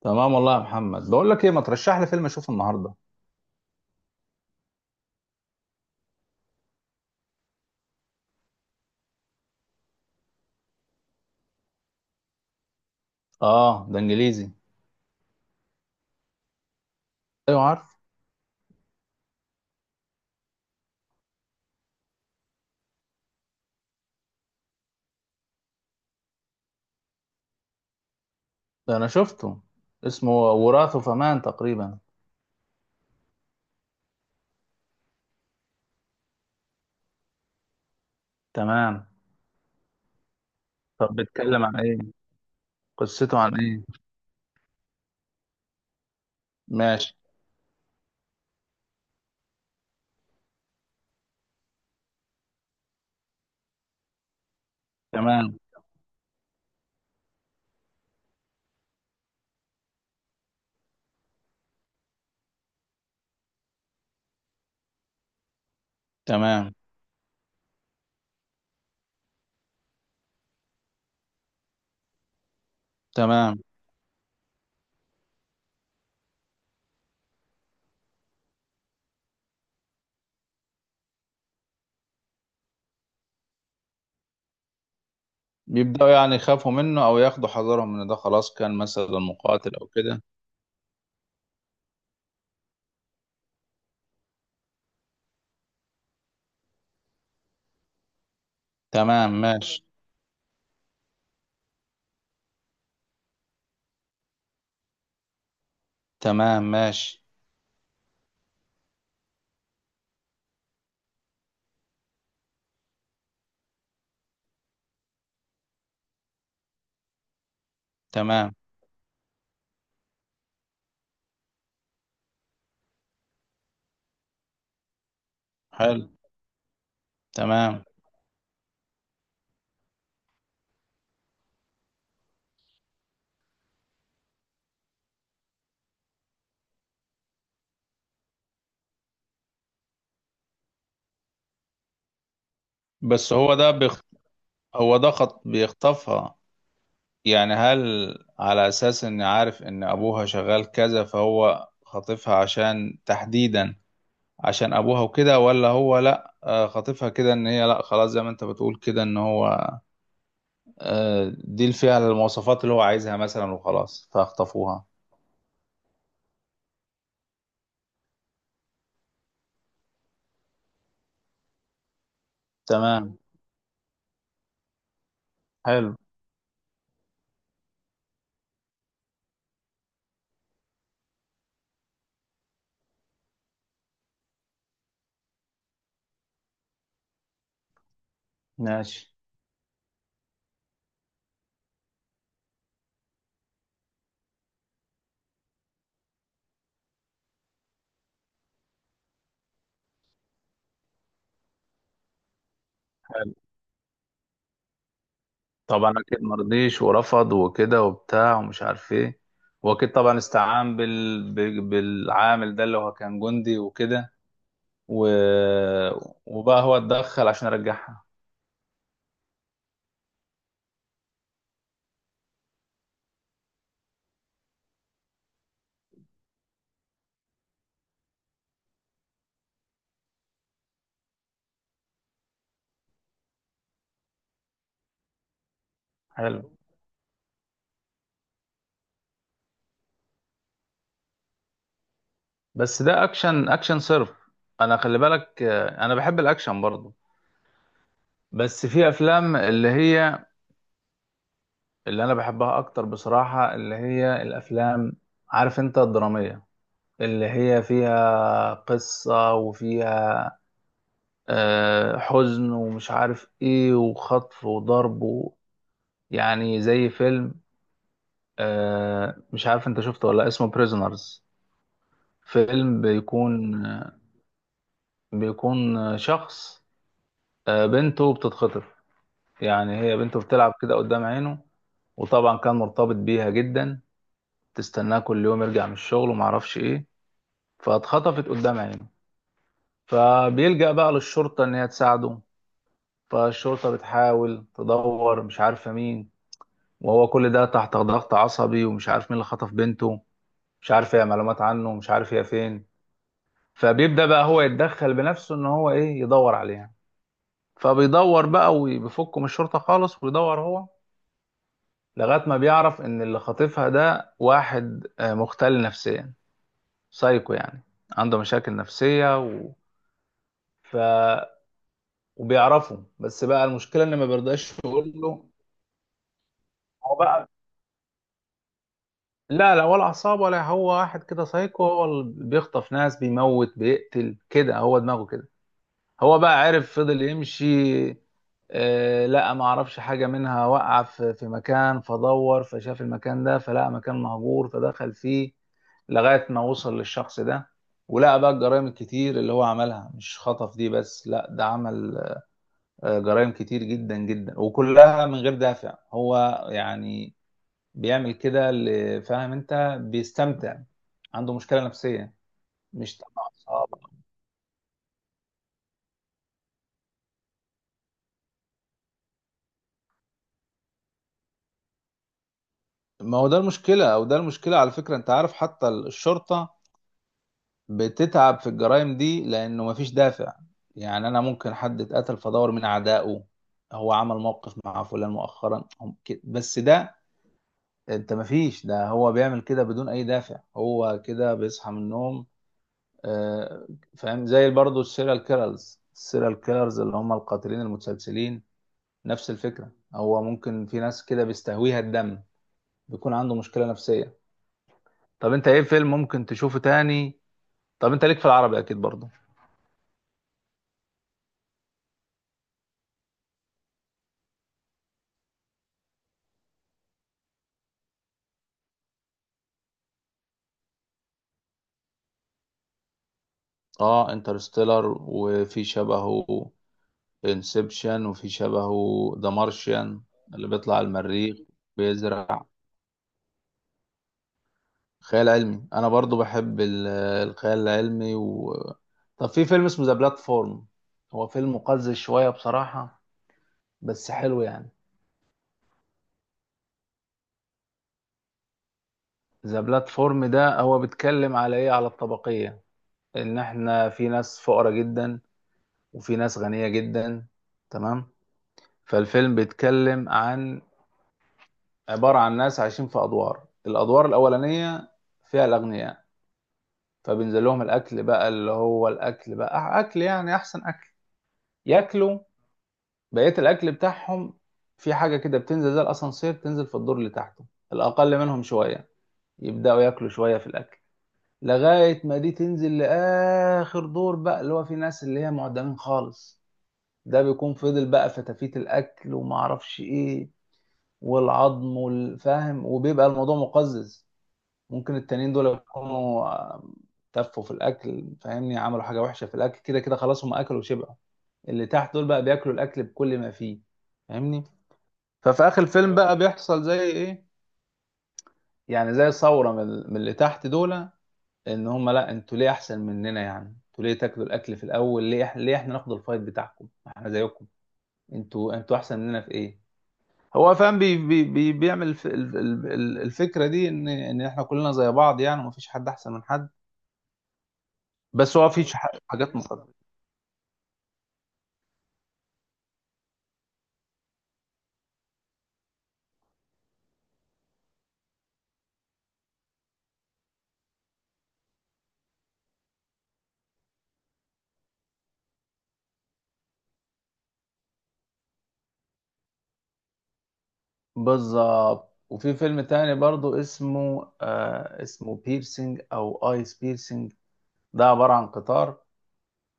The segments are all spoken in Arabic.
تمام والله يا محمد، بقول لك ايه؟ ما ترشح لي فيلم اشوفه النهارده. اه، ده انجليزي. ايوه عارف. ده انا شفته، اسمه وراث فمان تقريبا. تمام. طب بيتكلم عن ايه؟ قصته عن ايه؟ ماشي. تمام. تمام. تمام. بيبداوا يخافوا منه او ياخدوا حذرهم ان ده خلاص كان مثلا مقاتل او كده؟ تمام، ماشي. تمام، ماشي. تمام. حلو. تمام. بس هو ده بيخ... هو ده بيخطفها. يعني هل، على أساس إن عارف إن أبوها شغال كذا، فهو خاطفها عشان تحديدا عشان أبوها وكده؟ ولا هو لأ، خاطفها كده إن هي، لأ خلاص زي ما أنت بتقول كده، إن هو دي اللي فيها المواصفات اللي هو عايزها مثلا وخلاص فاخطفوها. تمام. حلو. ماشي. حلو. طبعا أكيد مرضيش ورفض وكده وبتاع ومش عارف إيه. وأكيد طبعا استعان بالعامل ده اللي هو كان جندي وكده. و... وبقى هو اتدخل عشان ارجعها. حلو. بس ده اكشن، اكشن صرف. انا خلي بالك، انا بحب الاكشن برضه، بس في افلام اللي انا بحبها اكتر بصراحة، اللي هي الافلام، عارف انت، الدرامية، اللي هي فيها قصة وفيها حزن ومش عارف ايه وخطف وضرب و... يعني زي فيلم، مش عارف انت شفته ولا لأ، اسمه بريزونرز. فيلم بيكون، بيكون شخص، بنته بتتخطف. يعني هي بنته بتلعب كده قدام عينه، وطبعا كان مرتبط بيها جدا، تستناه كل يوم يرجع من الشغل ومعرفش ايه. فاتخطفت قدام عينه، فبيلجأ بقى للشرطة ان هي تساعده. فالشرطة بتحاول تدور، مش عارفة مين، وهو كل ده تحت ضغط عصبي ومش عارف مين اللي خطف بنته، مش عارف هي معلومات عنه ومش عارف هي فين. فبيبدأ بقى هو يتدخل بنفسه ان هو ايه، يدور عليها. فبيدور بقى وبيفكه من الشرطة خالص ويدور هو، لغاية ما بيعرف إن اللي خاطفها ده واحد مختل نفسيا، سايكو يعني، عنده مشاكل نفسية و... ف... وبيعرفه، بس بقى المشكلة إن ما بيرضاش يقول له. هو بقى، لا لا، ولا عصابة ولا، هو واحد كده سايكو، هو اللي بيخطف ناس، بيموت، بيقتل كده، هو دماغه كده. هو بقى عرف، فضل يمشي. آه لقى، ما عرفش حاجة منها، وقع في مكان، فدور، فشاف المكان ده، فلقى مكان مهجور، فدخل فيه، لغاية ما وصل للشخص ده، ولقى بقى الجرائم الكتير اللي هو عملها، مش خطف دي بس، لا ده عمل جرائم كتير جدا جدا، وكلها من غير دافع هو يعني، بيعمل كده، فاهم انت، بيستمتع، عنده مشكلة نفسية. مش طبعا. ما هو ده المشكلة، أو ده المشكلة على فكرة. أنت عارف، حتى الشرطة بتتعب في الجرائم دي لأنه مفيش دافع. يعني أنا ممكن حد اتقتل، فدور من أعدائه، هو عمل موقف مع فلان مؤخرا، هم كده. بس ده، أنت مفيش ده، هو بيعمل كده بدون أي دافع، هو كده بيصحى من النوم. آه، فاهم، زي برضه السيريال كيلرز اللي هم القاتلين المتسلسلين. نفس الفكرة، هو ممكن في ناس كده بيستهويها الدم، بيكون عنده مشكلة نفسية. طب انت ايه فيلم ممكن تشوفه تاني؟ طب انت ليك في العربي اكيد برضه؟ اه انترستيلر، وفي شبهه انسبشن، وفي شبهه ذا مارشيان، اللي بيطلع على المريخ، بيزرع. خيال علمي، انا برضو بحب الخيال العلمي و... طب في فيلم اسمه ذا بلاتفورم، هو فيلم مقزز شوية بصراحة، بس حلو يعني. ذا بلاتفورم ده هو بيتكلم على ايه، على الطبقية. ان احنا في ناس فقراء جدا، وفي ناس غنية جدا. تمام. فالفيلم بيتكلم عن، عبارة عن ناس عايشين في أدوار، الأدوار الأولانية فيها الأغنياء، فبينزل لهم الأكل بقى، اللي هو الأكل بقى أكل يعني أحسن أكل، ياكلوا. بقية الأكل بتاعهم، في حاجة كده بتنزل زي الأسانسير، تنزل في الدور اللي تحته، الأقل منهم شوية، يبدأوا ياكلوا شوية في الأكل، لغاية ما دي تنزل لآخر دور بقى، اللي هو في ناس اللي هي معدمين خالص، ده بيكون فضل بقى في تفيت الأكل ومعرفش إيه، والعظم والفهم، وبيبقى الموضوع مقزز. ممكن التانيين دول يكونوا تفوا في الاكل، فاهمني، عملوا حاجه وحشه في الاكل، كده كده خلاص هم اكلوا وشبعوا، اللي تحت دول بقى بياكلوا الاكل بكل ما فيه، فاهمني. ففي اخر الفيلم بقى بيحصل زي ايه، يعني زي ثوره من اللي تحت دول، ان هم لا، انتوا ليه احسن مننا؟ يعني انتوا ليه تاكلوا الاكل في الاول؟ ليه ليه احنا ناخد الفايت بتاعكم؟ احنا زيكم، انتوا انتوا احسن مننا في ايه؟ هو فاهم، بي بي بي بيعمل الفكره دي، ان ان احنا كلنا زي بعض يعني، ومفيش حد احسن من حد. بس هو في حاجات مقارنه. بالظبط. وفي فيلم تاني برضو اسمه آه، اسمه بيرسينج او ايس بيرسينج، ده عباره عن قطار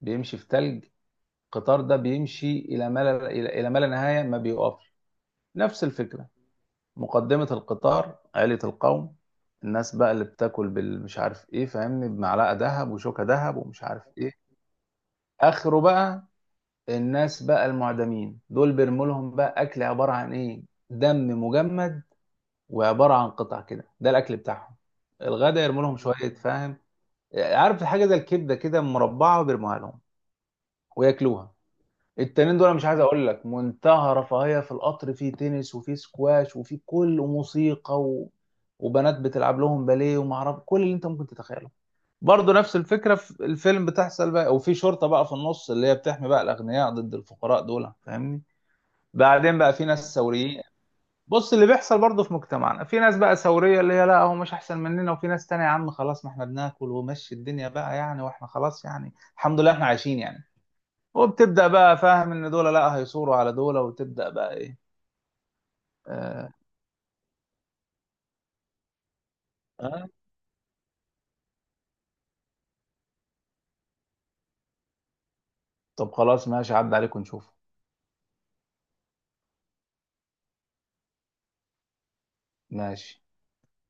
بيمشي في تلج، القطار ده بيمشي الى ما لا الى إلى ما لا نهايه، ما بيقفش. نفس الفكره. مقدمه القطار عائله القوم، الناس بقى اللي بتاكل بالمش عارف ايه، فاهمني، بمعلقه ذهب وشوكه ذهب ومش عارف ايه. اخره بقى، الناس بقى المعدمين دول بيرموا لهم بقى اكل، عباره عن ايه، دم مجمد، وعباره عن قطع كده، ده الاكل بتاعهم. الغدا يرموا لهم شويه، فاهم، عارف حاجه زي الكبده كده مربعه وبيرموها لهم، وياكلوها. التانيين دول أنا مش عايز اقول لك، منتهى رفاهيه في القطر، في تنس وفي سكواش وفي كل موسيقى و... وبنات بتلعب لهم باليه، وما اعرف، كل اللي انت ممكن تتخيله. برضه نفس الفكره في الفيلم بتحصل بقى، وفي شرطه بقى في النص اللي هي بتحمي بقى الاغنياء ضد الفقراء دول، فاهمني. بعدين بقى في ناس ثوريين. بص اللي بيحصل برضه في مجتمعنا، في ناس بقى ثوريه اللي هي لا، هو مش احسن مننا، وفي ناس تانية، يا عم خلاص، ما احنا بناكل ومشي الدنيا بقى يعني، واحنا خلاص يعني الحمد لله احنا عايشين يعني. وبتبدا بقى فاهم، ان دول لا، هيثوروا على دول، وتبدا بقى ايه. آه. آه. طب خلاص ماشي، عدى عليكم نشوف. ماشي.